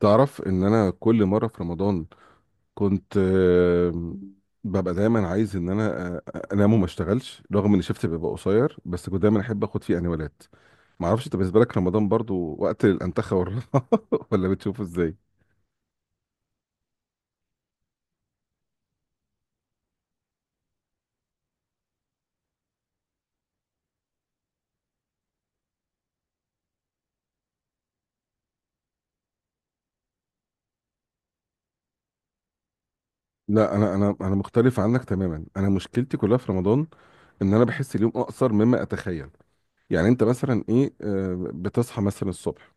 تعرف ان انا كل مره في رمضان كنت ببقى دايما عايز ان انا انام وما اشتغلش، رغم ان شفتي بيبقى قصير، بس كنت دايما احب اخد فيه انوالات. ما اعرفش انت، بالنسبه لك رمضان برضو وقت الانتخه والراحه ولا بتشوفه ازاي؟ لا، انا مختلف عنك تماما. انا مشكلتي كلها في رمضان، ان انا بحس اليوم اقصر مما اتخيل. يعني انت مثلا ايه، بتصحى مثلا الصبح،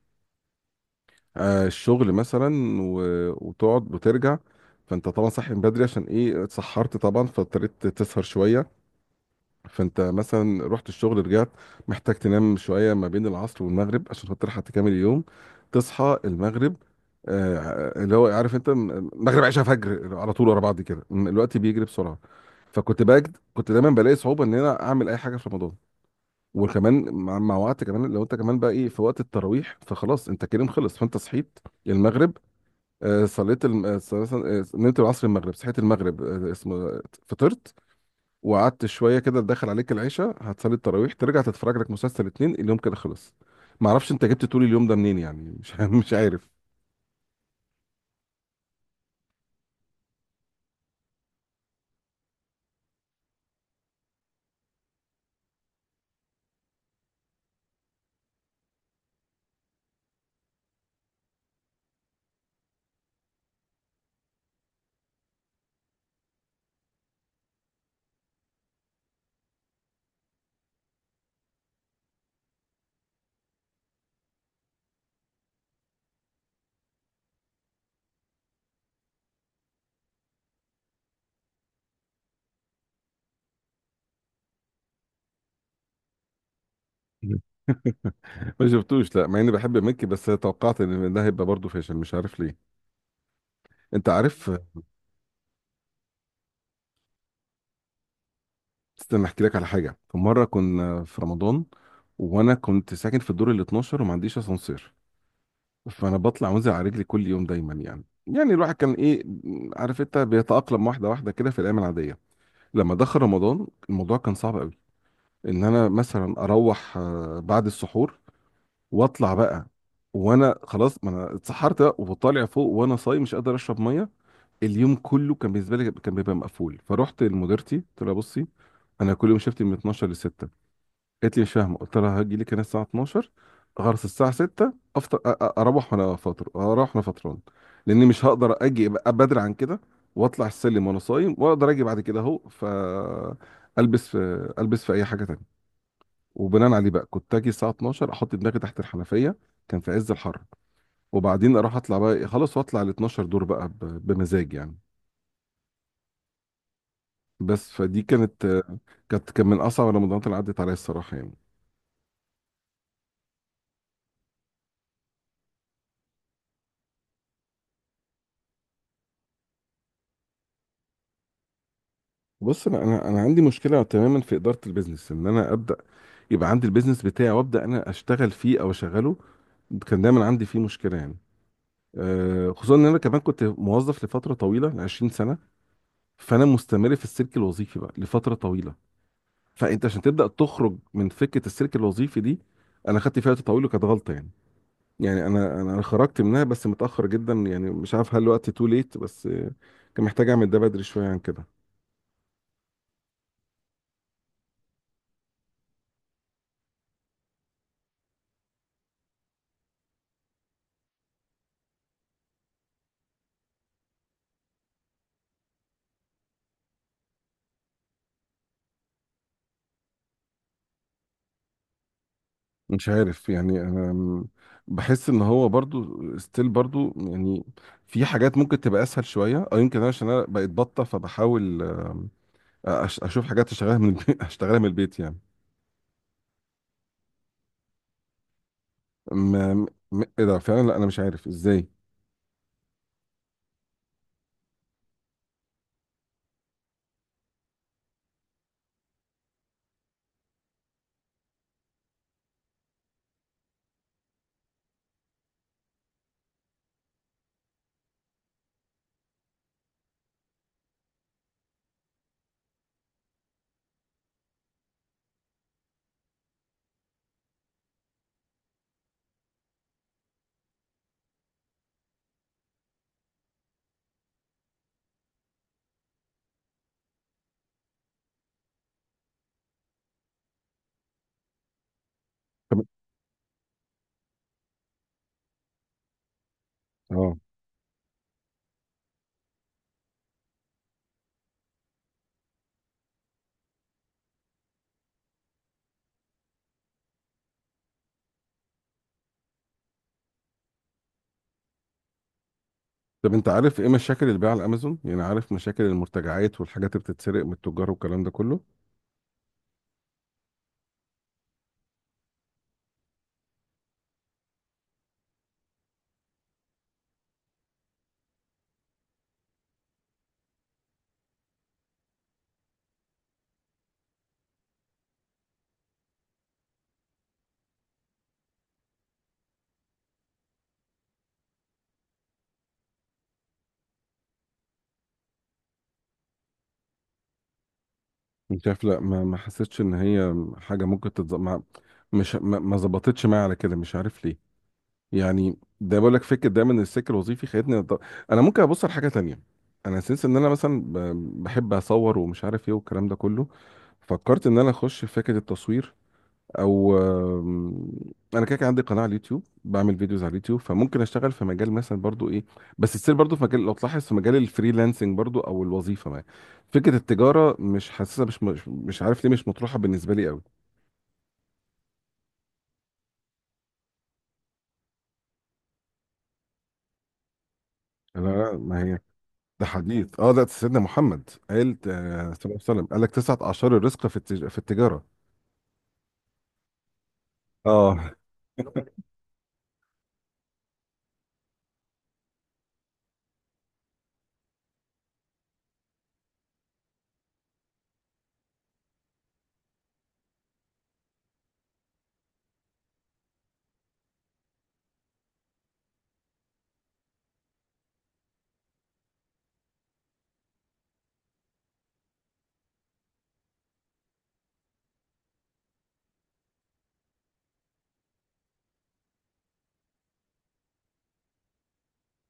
الشغل مثلا، و- وتقعد وترجع. فانت طبعا صاحي من بدري عشان ايه؟ اتسحرت طبعا، فاضطريت تسهر شويه. فانت مثلا رحت الشغل رجعت، محتاج تنام شويه ما بين العصر والمغرب عشان خاطر حتى تكمل اليوم، تصحى المغرب. اللي هو عارف انت، مغرب عشاء فجر على طول ورا بعض كده، الوقت بيجري بسرعه. فكنت بجد كنت دايما بلاقي صعوبه ان انا اعمل اي حاجه في رمضان. وكمان مع وقت، كمان لو انت كمان بقى ايه، في وقت التراويح فخلاص، انت كريم خلص. فانت صحيت المغرب، صليت نمت العصر المغرب، صحيت المغرب اسمه فطرت، وقعدت شويه كده دخل عليك العشاء، هتصلي التراويح ترجع تتفرج لك مسلسل اتنين، اليوم كده خلص. ما اعرفش انت جبت طول اليوم ده منين، يعني مش مش عارف. ما شفتوش، لا مع اني بحب مكي بس توقعت ان ده هيبقى برضه فاشل، مش عارف ليه. انت عارف، استنى احكي لك على حاجه. في مره كنا في رمضان وانا كنت ساكن في الدور ال 12 وما عنديش اسانسير، فانا بطلع وانزل على رجلي كل يوم دايما، يعني الواحد كان ايه، عارف انت بيتأقلم واحده واحده كده في الايام العاديه. لما دخل رمضان الموضوع كان صعب قوي، ان انا مثلا اروح بعد السحور واطلع بقى، وانا خلاص ما انا اتسحرت بقى، وطالع فوق وانا صايم، مش قادر اشرب ميه. اليوم كله كان بالنسبه لي كان بيبقى مقفول. فرحت لمديرتي قلت لها بصي، انا كل يوم شفتي من 12 ل 6. قالت لي مش فاهمه. قلت لها هاجي لك هنا الساعه 12، غرس الساعه 6 افطر، اروح وانا فاطر، اروح وانا فطران، لاني مش هقدر اجي أبقى بدري عن كده، واطلع السلم وانا صايم، واقدر اجي بعد كده اهو، ف البس في اي حاجه تانية. وبناء عليه بقى كنت اجي الساعه 12 احط دماغي تحت الحنفيه، كان في عز الحر، وبعدين اروح اطلع بقى خلاص، واطلع ال 12 دور بقى، بمزاج يعني. بس فدي كانت، كان من اصعب رمضانات اللي عدت عليا الصراحه يعني. بص، انا عندي مشكله تماما في اداره البيزنس، ان انا ابدا، يبقى عندي البيزنس بتاعي وابدا انا اشتغل فيه او اشغله، كان دايما عندي فيه مشكله يعني. خصوصا ان انا كمان كنت موظف لفتره طويله، ل 20 سنه، فانا مستمر في السلك الوظيفي بقى لفتره طويله. فانت عشان تبدا تخرج من فكره السلك الوظيفي دي، انا خدت فيها وقت طويل وكانت غلطه يعني. يعني انا انا أنا خرجت منها بس متاخر جدا، يعني مش عارف هل الوقت تو ليت، بس كان محتاج اعمل ده بدري شويه عن كده. مش عارف يعني، انا بحس ان هو برضو ستيل برضو يعني، في حاجات ممكن تبقى اسهل شويه، او يمكن انا عشان انا بقيت بطه فبحاول، اشوف حاجات اشتغلها من البيت اشتغلها من البيت يعني. ما م- ايه ده فعلا، لا انا مش عارف ازاي. طب اه. طب انت عارف ايه مشاكل البيع على امازون، يعني عارف مشاكل المرتجعات والحاجات اللي بتتسرق من التجار والكلام ده كله. انت شايف، لا ما ما حسيتش ان هي حاجه ممكن تتظبط، مش ما ما ظبطتش معايا على كده، مش عارف ليه. يعني ده بقول لك فكره دايما، إن السلك الوظيفي خدتني، انا ممكن ابص على حاجه تانية. انا سنس ان انا مثلا بحب اصور ومش عارف ايه والكلام ده كله، فكرت ان انا اخش في فكره التصوير، او انا كده كان عندي قناه على اليوتيوب، بعمل فيديوز على اليوتيوب، فممكن اشتغل في مجال مثلا برضو ايه، بس تصير برضو في مجال، لو تلاحظ في مجال الفريلانسنج برضو او الوظيفه ما. فكره التجاره مش حاسسها، مش عارف ليه مش مطروحه بالنسبه لي قوي. لا لا ما هي، ده حديث. اه، ده سيدنا محمد قال صلى الله عليه وسلم، قال لك تسعة أعشار الرزق في في التجارة. اه،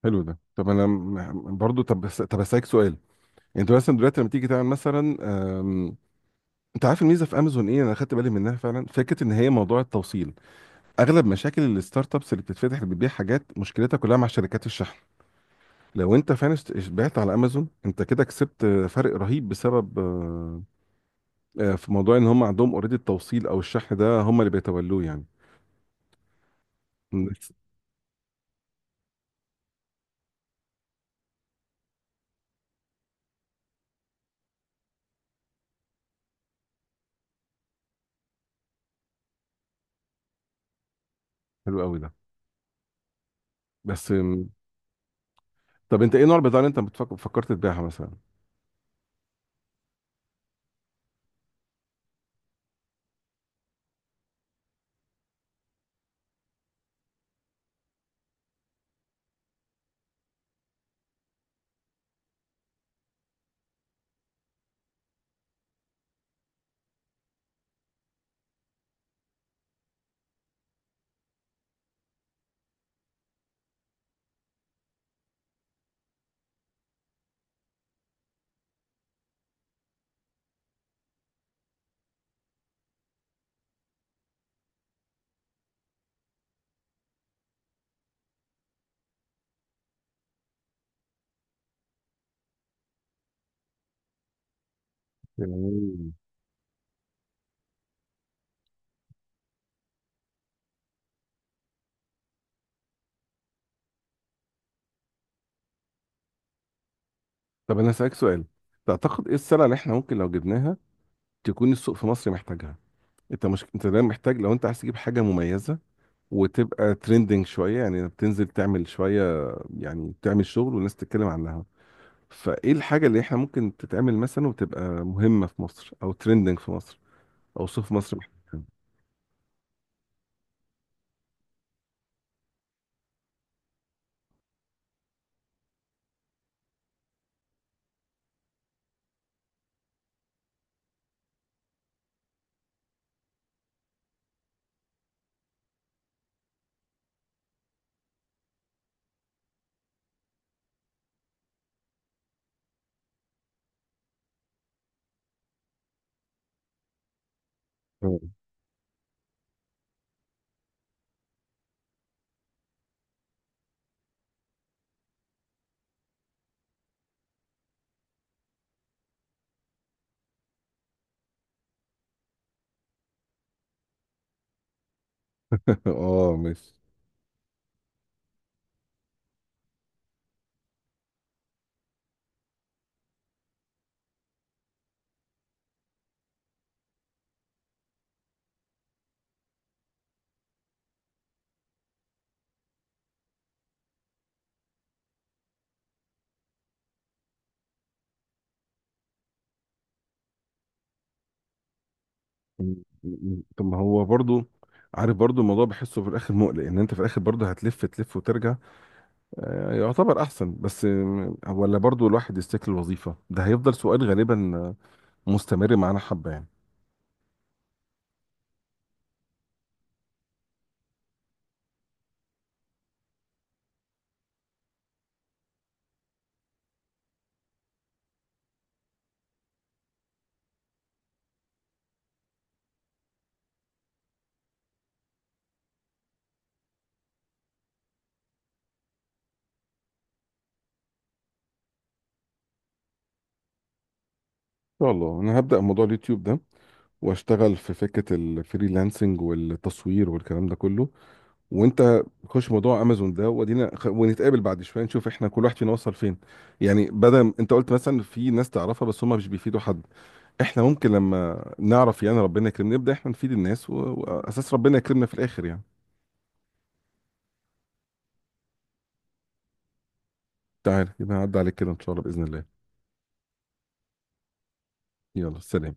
حلو ده. طب انا برضو، طب طب اسالك سؤال. انت مثلا دلوقتي لما تيجي تعمل مثلا، آم، انت عارف الميزه في امازون ايه؟ انا خدت بالي منها فعلا، فكره ان هي موضوع التوصيل. اغلب مشاكل الستارت ابس اللي بتتفتح، اللي بتبيع حاجات، مشكلتها كلها مع شركات الشحن. لو انت فعلا بعت على امازون، انت كده كسبت فرق رهيب، بسبب في موضوع ان هم عندهم اوريدي التوصيل، او الشحن ده هم اللي بيتولوه يعني. حلو قوي ده. بس طب انت ايه نوع البضاعه اللي انت بتفكر فكرت تبيعها مثلا؟ يعني طب انا هسألك سؤال، تعتقد ايه السلعه اللي احنا ممكن لو جبناها تكون السوق في مصر محتاجها؟ انت مش، انت دايما محتاج، لو انت عايز تجيب حاجه مميزه وتبقى ترندنج شويه، يعني بتنزل تعمل شويه، يعني تعمل شغل والناس تتكلم عنها. فايه الحاجه اللي احنا ممكن تتعمل مثلا وتبقى مهمه في مصر، او ترندنج في مصر، او سوق في مصر محتاجها؟ اه ماشي. مم. مم. طب ما هو برضو عارف، برضو الموضوع بحسه في الاخر مقلق، ان انت في الاخر برضو هتلف تلف وترجع، يعتبر احسن، بس ولا برضو الواحد يستكل الوظيفه، ده هيفضل سؤال غالبا مستمر معانا حبه يعني. ان شاء الله، انا هبدا موضوع اليوتيوب ده واشتغل في فكره الفريلانسنج والتصوير والكلام ده كله، وانت خش موضوع امازون ده ودينا ونتقابل بعد شويه، نشوف احنا كل واحد فينا وصل فين. يعني بدل، انت قلت مثلا في ناس تعرفها بس هم مش بيفيدوا حد، احنا ممكن لما نعرف يعني ربنا يكرمنا، نبدا احنا نفيد الناس واساس ربنا يكرمنا في الاخر يعني. تعال يبقى، هعدي عليك كده ان شاء الله باذن الله. يلا سلام.